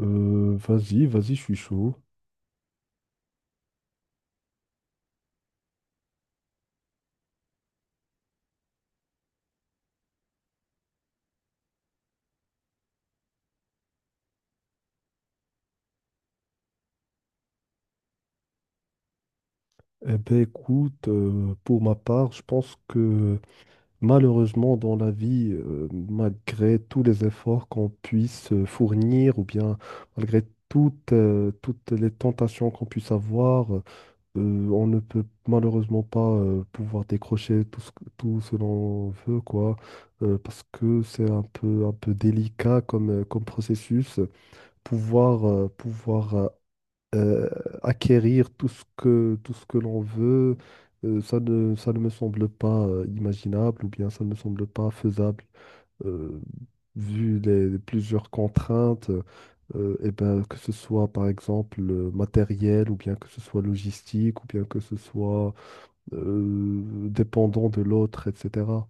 Vas-y, vas-y, je suis chaud. Eh ben écoute, pour ma part, je pense que malheureusement dans la vie, malgré tous les efforts qu'on puisse fournir, ou bien malgré toutes les tentations qu'on puisse avoir, on ne peut malheureusement pas pouvoir décrocher tout ce l'on veut, quoi, parce que c'est un peu délicat comme processus pouvoir euh, acquérir tout ce que l'on veut. Ça ne me semble pas imaginable, ou bien ça ne me semble pas faisable euh, vu les plusieurs contraintes, et ben, que ce soit par exemple matériel, ou bien que ce soit logistique, ou bien que ce soit euh, dépendant de l'autre, etc.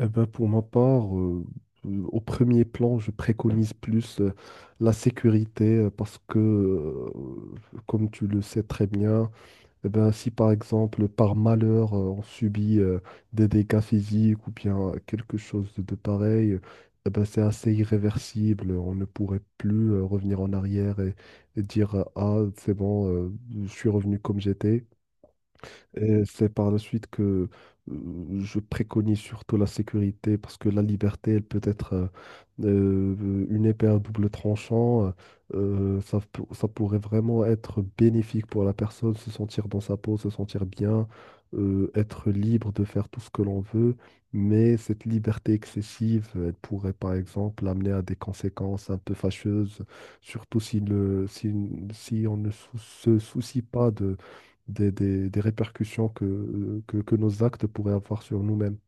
Eh ben, pour ma part, au premier plan, je préconise plus la sécurité, parce que, comme tu le sais très bien, eh ben, si par exemple, par malheur, on subit des dégâts physiques ou bien quelque chose de pareil, eh ben, c'est assez irréversible. On ne pourrait plus revenir en arrière et dire, ah, c'est bon, je suis revenu comme j'étais. Et c'est par la suite que je préconise surtout la sécurité, parce que la liberté, elle peut être une épée à double tranchant. Ça pourrait vraiment être bénéfique pour la personne, se sentir dans sa peau, se sentir bien, être libre de faire tout ce que l'on veut. Mais cette liberté excessive, elle pourrait par exemple amener à des conséquences un peu fâcheuses, surtout si, le, si, si on ne sou- se soucie pas des répercussions que nos actes pourraient avoir sur nous-mêmes.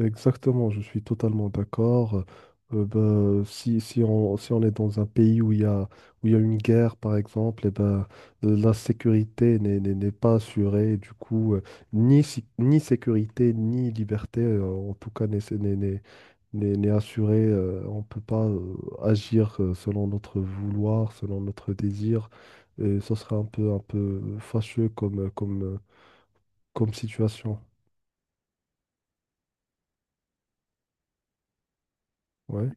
Exactement, je suis totalement d'accord. Ben, si on est dans un pays où il y a, une guerre, par exemple, et ben, la sécurité n'est pas assurée. Du coup, ni sécurité, ni liberté, en tout cas, n'est assurée. On ne peut pas agir selon notre vouloir, selon notre désir. Et ce serait un peu fâcheux comme situation. Ouais.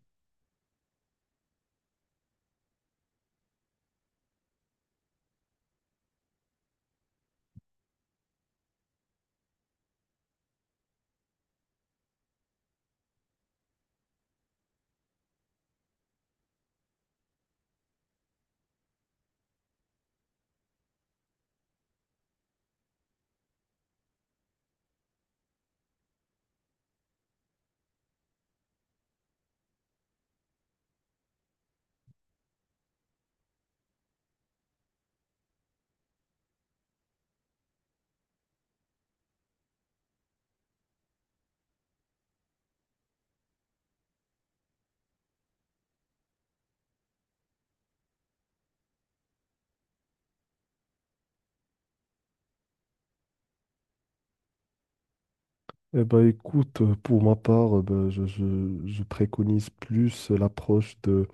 Eh ben, écoute, pour ma part, ben, je préconise plus l'approche de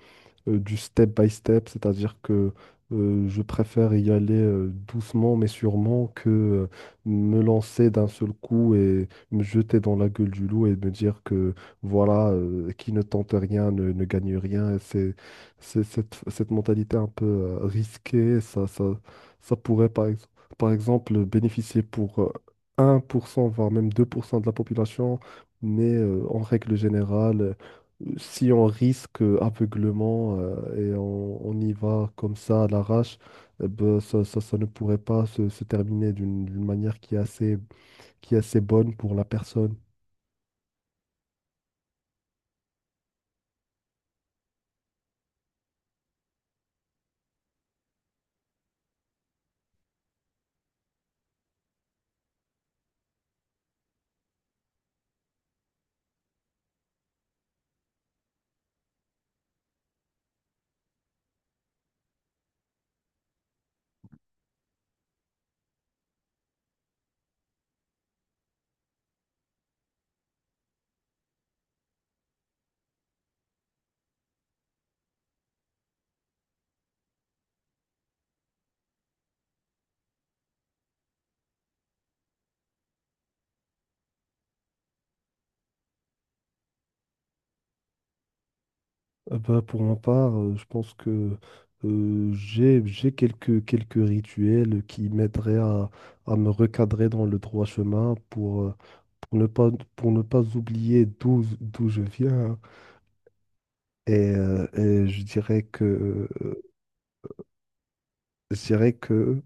du step by step, c'est-à-dire que je préfère y aller doucement mais sûrement, que me lancer d'un seul coup et me jeter dans la gueule du loup et me dire que voilà, qui ne tente rien ne gagne rien. Et cette mentalité un peu risquée, ça pourrait par exemple bénéficier pour 1% voire même 2% de la population, mais en règle générale, si on risque aveuglement et on y va comme ça à l'arrache, eh ben, ça ne pourrait pas se terminer d'une manière qui est assez bonne pour la personne. Ben, pour ma part, je pense que j'ai quelques rituels qui m'aideraient à me recadrer dans le droit chemin, pour ne pas, pour ne pas oublier d'où je viens. Et je dirais que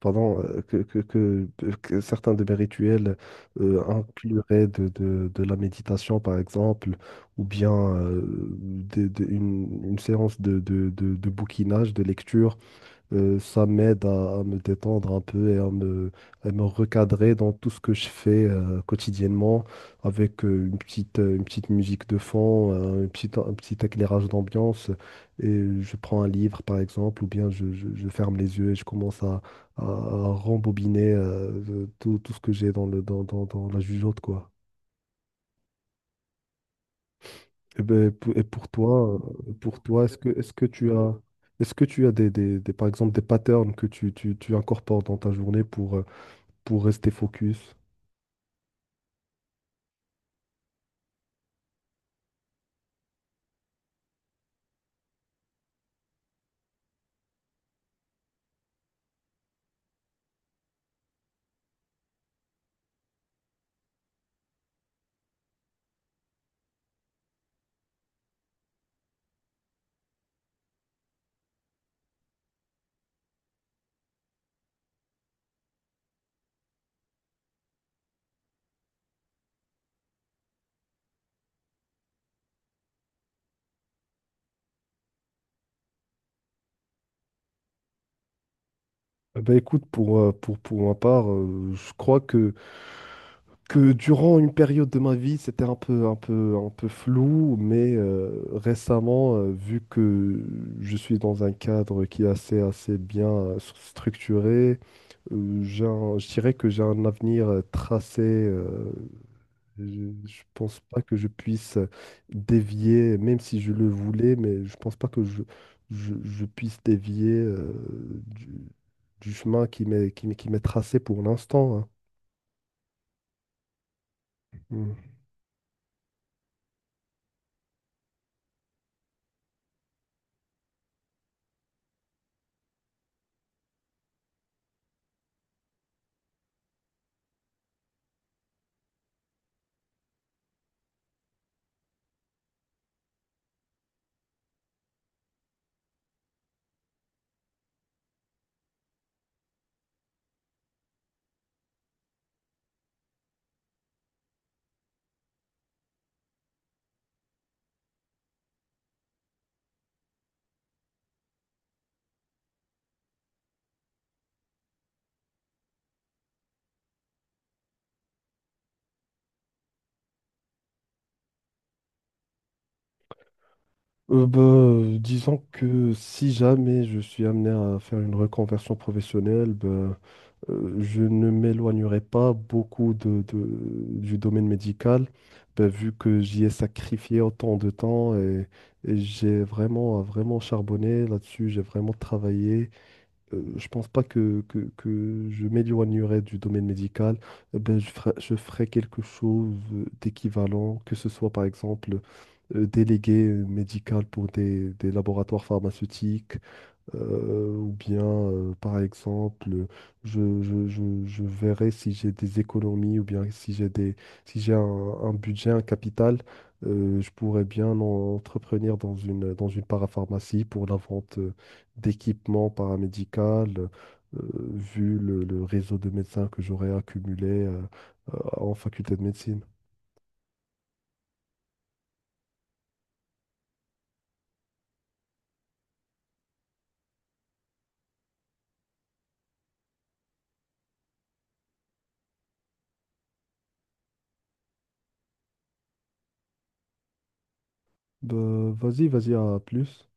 pardon, que certains de mes rituels incluraient de la méditation, par exemple, ou bien une séance de bouquinage, de lecture. Ça m'aide à me détendre un peu et à me recadrer dans tout ce que je fais quotidiennement, avec une petite musique de fond, un petit éclairage d'ambiance. Et je prends un livre, par exemple, ou bien je ferme les yeux et je commence à rembobiner tout ce que j'ai dans le, dans, dans, dans la jugeote, quoi. Et, ben, pour toi, est-ce que tu as... Est-ce que tu as par exemple des patterns que tu incorpores dans ta journée pour rester focus? Eh ben écoute, pour ma part, je crois que durant une période de ma vie, c'était un peu flou, mais récemment, vu que je suis dans un cadre qui est assez bien structuré, je dirais que j'ai un avenir tracé. Je, je pense pas que je puisse dévier, même si je le voulais, mais je pense pas que je puisse dévier du, du chemin qui m'est tracé pour l'instant, hein. Mmh. Bah, disons que si jamais je suis amené à faire une reconversion professionnelle, bah, je ne m'éloignerai pas beaucoup du domaine médical, bah, vu que j'y ai sacrifié autant de temps et j'ai vraiment, vraiment charbonné là-dessus, j'ai vraiment travaillé. Je pense pas que je m'éloignerai du domaine médical. Ben, je ferai quelque chose d'équivalent, que ce soit par exemple délégué médical pour des laboratoires pharmaceutiques, ou bien, par exemple, je verrai si j'ai des économies, ou bien si j'ai un budget, un capital, je pourrais bien entreprendre dans une parapharmacie pour la vente d'équipements paramédicaux, vu le réseau de médecins que j'aurais accumulé en faculté de médecine. Bah, vas-y, vas-y, à plus.